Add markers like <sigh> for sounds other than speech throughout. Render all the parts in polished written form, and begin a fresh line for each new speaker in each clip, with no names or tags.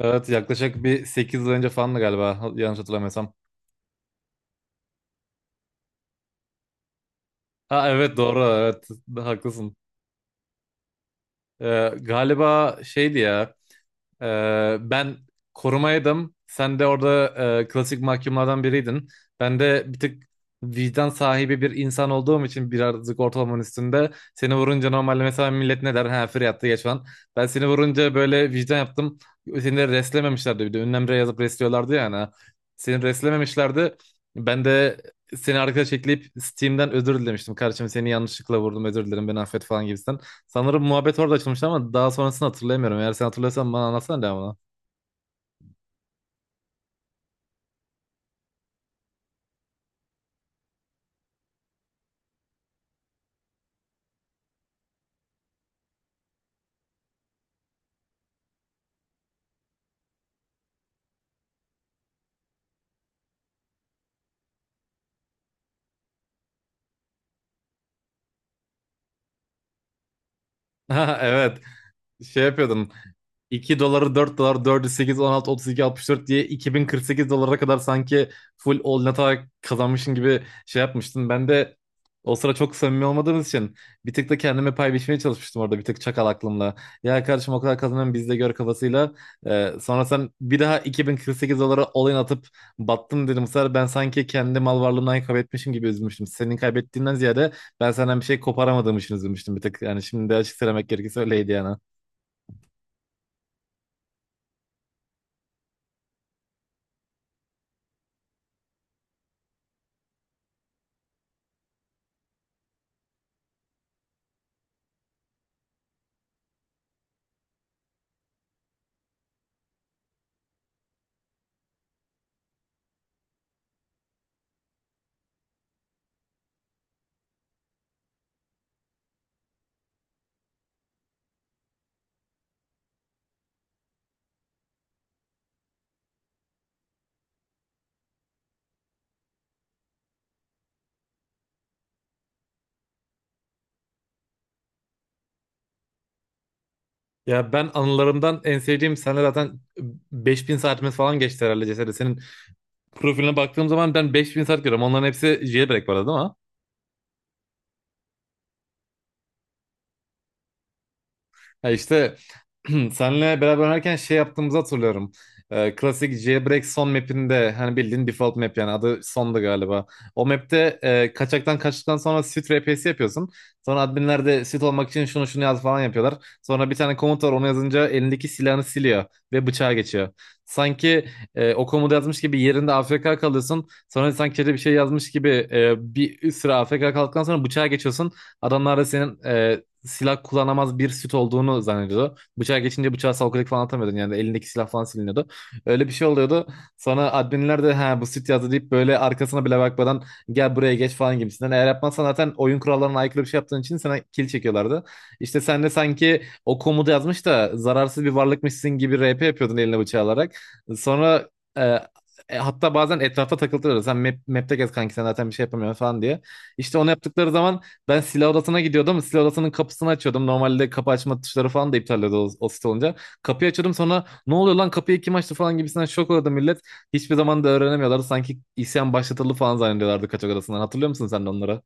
Evet yaklaşık bir 8 yıl önce falan galiba yanlış hatırlamıyorsam. Ha, evet, doğru, evet, haklısın. Galiba şeydi ya. Ben korumaydım. Sen de orada klasik mahkumlardan biriydin. Ben de bir tık vicdan sahibi bir insan olduğum için birazcık ortalamanın üstünde. Seni vurunca normalde mesela millet ne der? Ha, free attı geç falan. Ben seni vurunca böyle vicdan yaptım. Seni de reslememişlerdi bir de. Ünlemre yazıp resliyorlardı ya hani. Seni reslememişlerdi. Ben de seni arkadaş ekleyip Steam'den özür dilemiştim. Kardeşim, seni yanlışlıkla vurdum, özür dilerim, beni affet falan gibisinden. Sanırım muhabbet orada açılmıştı ama daha sonrasını hatırlayamıyorum. Eğer sen hatırlıyorsan bana anlatsana devamını. <laughs> Ha, evet. Şey yapıyordun. 2 doları 4 dolar, dördü sekiz, 16, 32, 64 diye 2048 dolara kadar sanki full all in atarak kazanmışsın gibi şey yapmıştın. Ben de o sıra çok samimi olmadığımız için bir tık da kendime pay biçmeye çalışmıştım orada bir tık çakal aklımla. Ya kardeşim, o kadar kazanıyorum biz de gör kafasıyla. Sonra sen bir daha 2048 dolara all in atıp battın dedim. Bu sefer ben sanki kendi mal varlığımdan kaybetmişim gibi üzülmüştüm. Senin kaybettiğinden ziyade ben senden bir şey koparamadığım için üzülmüştüm bir tık. Yani şimdi de açık söylemek gerekirse öyleydi yani. Ya ben anılarımdan en sevdiğim sene zaten 5.000 saatimiz falan geçti herhalde Ceset'e. Senin profiline baktığım zaman ben 5.000 saat görüyorum. Onların hepsi jailbreak bu arada değil mi? Ya işte <clears throat> senle beraber oynarken şey yaptığımızı hatırlıyorum. Klasik Jailbreak son map'inde, hani bildiğin default map, yani adı sondu galiba. O map'te kaçaktan kaçtıktan sonra sit RP'si yapıyorsun. Sonra adminler de sit olmak için şunu şunu yaz falan yapıyorlar. Sonra bir tane komut var, onu yazınca elindeki silahını siliyor ve bıçağa geçiyor. Sanki o komutu yazmış gibi yerinde AFK kalıyorsun. Sonra sanki bir şey yazmış gibi bir süre AFK kaldıktan sonra bıçağa geçiyorsun. Adamlar da senin silah kullanamaz bir süt olduğunu zannediyordu. Bıçağa geçince bıçağı salkılık falan atamıyordun. Yani elindeki silah falan siliniyordu. Öyle bir şey oluyordu. Sonra adminler de ha, bu süt yazdı deyip böyle arkasına bile bakmadan gel buraya geç falan gibisinden. Eğer yapmazsan zaten oyun kurallarına aykırı bir şey yaptığın için sana kill çekiyorlardı. İşte sen de sanki o komutu yazmış da zararsız bir varlıkmışsın gibi RP yapıyordun eline bıçağı alarak. Sonra e, hatta bazen etrafta takıldılar. Sen map'te gez kanki sen zaten bir şey yapamıyorsun falan diye. İşte onu yaptıkları zaman ben silah odasına gidiyordum ama silah odasının kapısını açıyordum. Normalde kapı açma tuşları falan da iptal ediyordu o site olunca. Kapıyı açıyordum, sonra ne oluyor lan, kapıyı kim açtı falan gibisinden şok oldu millet. Hiçbir zaman da öğrenemiyorlardı. Sanki isyan başlatıldı falan zannediyorlardı kaçak odasından. Hatırlıyor musun sen de onları?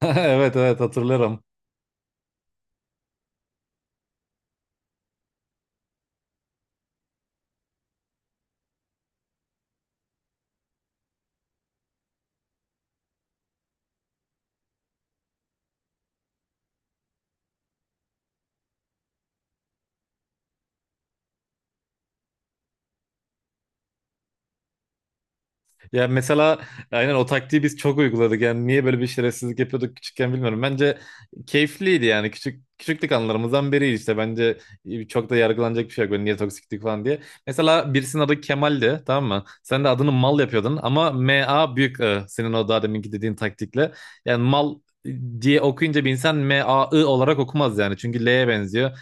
<laughs> Evet, evet, hatırlıyorum. Ya mesela aynen o taktiği biz çok uyguladık. Yani niye böyle bir şerefsizlik yapıyorduk küçükken bilmiyorum. Bence keyifliydi, yani küçük küçüklük anılarımızdan biri işte. Bence çok da yargılanacak bir şey yok. Böyle niye toksiklik falan diye. Mesela birisinin adı Kemal'di, tamam mı? Sen de adını mal yapıyordun ama M A büyük I, senin o daha deminki dediğin taktikle. Yani mal diye okuyunca bir insan M A I olarak okumaz yani. Çünkü L'ye benziyor.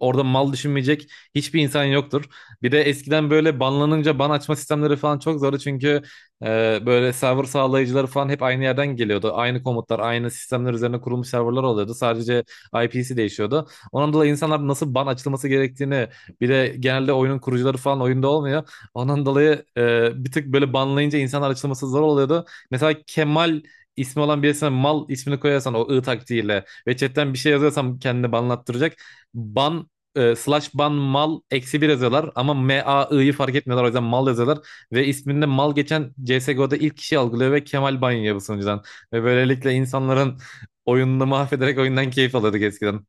Orada mal düşünmeyecek hiçbir insan yoktur. Bir de eskiden böyle banlanınca ban açma sistemleri falan çok zordu, çünkü böyle server sağlayıcıları falan hep aynı yerden geliyordu. Aynı komutlar, aynı sistemler üzerine kurulmuş serverlar oluyordu. Sadece IP'si değişiyordu. Ondan dolayı insanlar nasıl ban açılması gerektiğini, bir de genelde oyunun kurucuları falan oyunda olmuyor. Ondan dolayı bir tık böyle banlayınca insanlar açılması zor oluyordu. Mesela Kemal ismi olan birisine mal ismini koyarsan o ı taktiğiyle ve chatten bir şey yazıyorsan kendini banlattıracak. Ban slash ban mal eksi bir yazıyorlar ama m a i'yi fark etmiyorlar, o yüzden mal yazıyorlar. Ve isminde mal geçen CSGO'da ilk kişi algılıyor ve Kemal Banyaya bu sunucudan. Ve böylelikle insanların oyununu mahvederek oyundan keyif alıyorduk eskiden.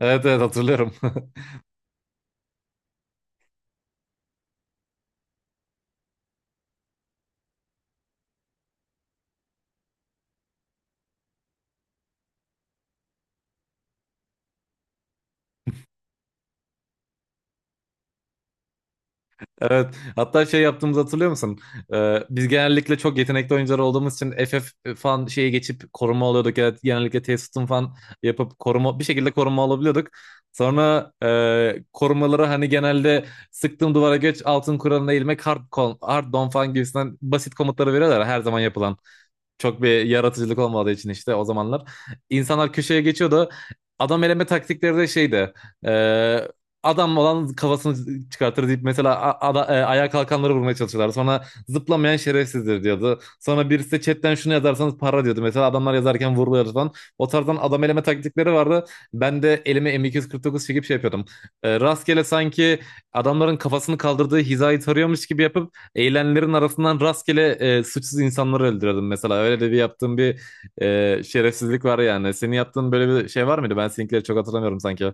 Evet, evet, hatırlıyorum. <laughs> Evet, hatta şey yaptığımızı hatırlıyor musun? Biz genellikle çok yetenekli oyuncular olduğumuz için FF falan şeye geçip koruma alıyorduk. Evet, genellikle T-System falan yapıp koruma, bir şekilde koruma alabiliyorduk. Sonra korumaları hani genelde sıktığım duvara geç, altın kuralına eğilmek, hard don falan gibisinden basit komutları veriyorlar ya, her zaman yapılan. Çok bir yaratıcılık olmadığı için işte o zamanlar. İnsanlar köşeye geçiyordu. Adam eleme taktikleri de şeydi. e, Adam olan kafasını çıkartır deyip mesela ayağa kalkanları vurmaya çalışıyorlar. Sonra zıplamayan şerefsizdir diyordu. Sonra birisi de chatten şunu yazarsanız para diyordu. Mesela adamlar yazarken vuruluyordu falan. O tarzdan adam eleme taktikleri vardı. Ben de elime M249 çekip şey yapıyordum. Rastgele sanki adamların kafasını kaldırdığı hizayı tarıyormuş gibi yapıp eğilenlerin arasından rastgele suçsuz insanları öldürüyordum mesela. Öyle de bir yaptığım bir şerefsizlik var yani. Senin yaptığın böyle bir şey var mıydı? Ben seninkileri çok hatırlamıyorum sanki.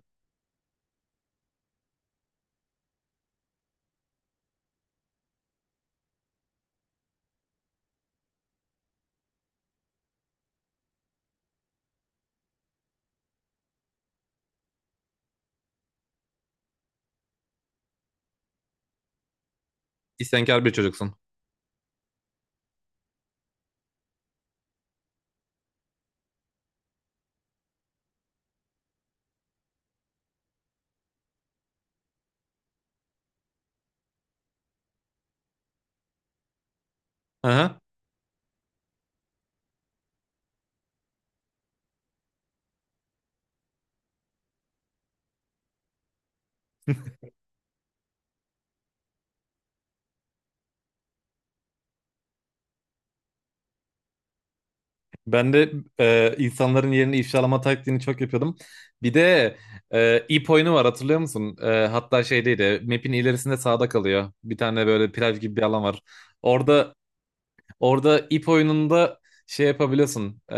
İsyankar bir çocuksun. Aha. Ben de insanların yerini ifşalama taktiğini çok yapıyordum. Bir de ip oyunu var, hatırlıyor musun? Hatta şey de map'in ilerisinde sağda kalıyor. Bir tane böyle plaj gibi bir alan var. Orada Orada ip oyununda şey yapabiliyorsun.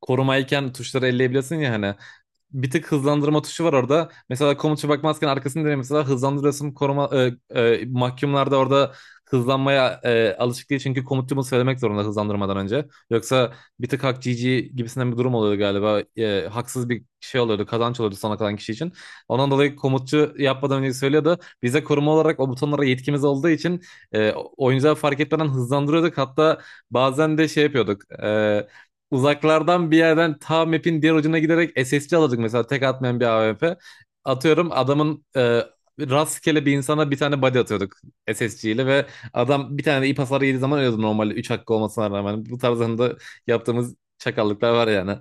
Korumayken tuşları elleyebilirsin ya hani. Bir tık hızlandırma tuşu var orada. Mesela komuta bakmazken arkasını dönüyor. Mesela hızlandırıyorsun koruma, mahkumlar da orada hızlanmaya alışık değil. Çünkü komutçumu söylemek zorunda hızlandırmadan önce. Yoksa bir tık hak GG gibisinden bir durum oluyordu galiba. Haksız bir şey oluyordu. Kazanç oluyordu sona kalan kişi için. Ondan dolayı komutçu yapmadan önce söylüyordu. Bize koruma olarak o butonlara yetkimiz olduğu için e, oyuncular fark etmeden hızlandırıyorduk. Hatta bazen de şey yapıyorduk. Uzaklardan bir yerden ta map'in diğer ucuna giderek SSC alacak mesela tek atmayan bir AWP. Atıyorum adamın rastgele bir insana bir tane body atıyorduk SSC ile ve adam bir tane de ip hasarı yediği zaman ölüyordu normalde 3 hakkı olmasına rağmen. Bu tarzında yaptığımız çakallıklar var yani.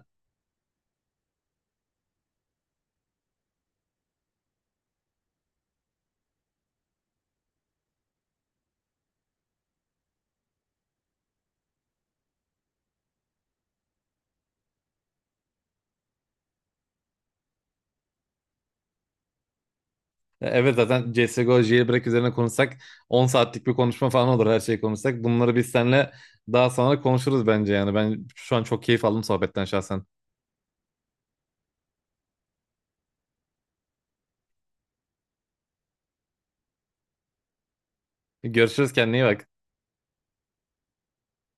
Evet, zaten CSGO jailbreak üzerine konuşsak 10 saatlik bir konuşma falan olur her şeyi konuşsak. Bunları biz seninle daha sonra konuşuruz bence yani. Ben şu an çok keyif aldım sohbetten şahsen. Görüşürüz, kendine iyi bak.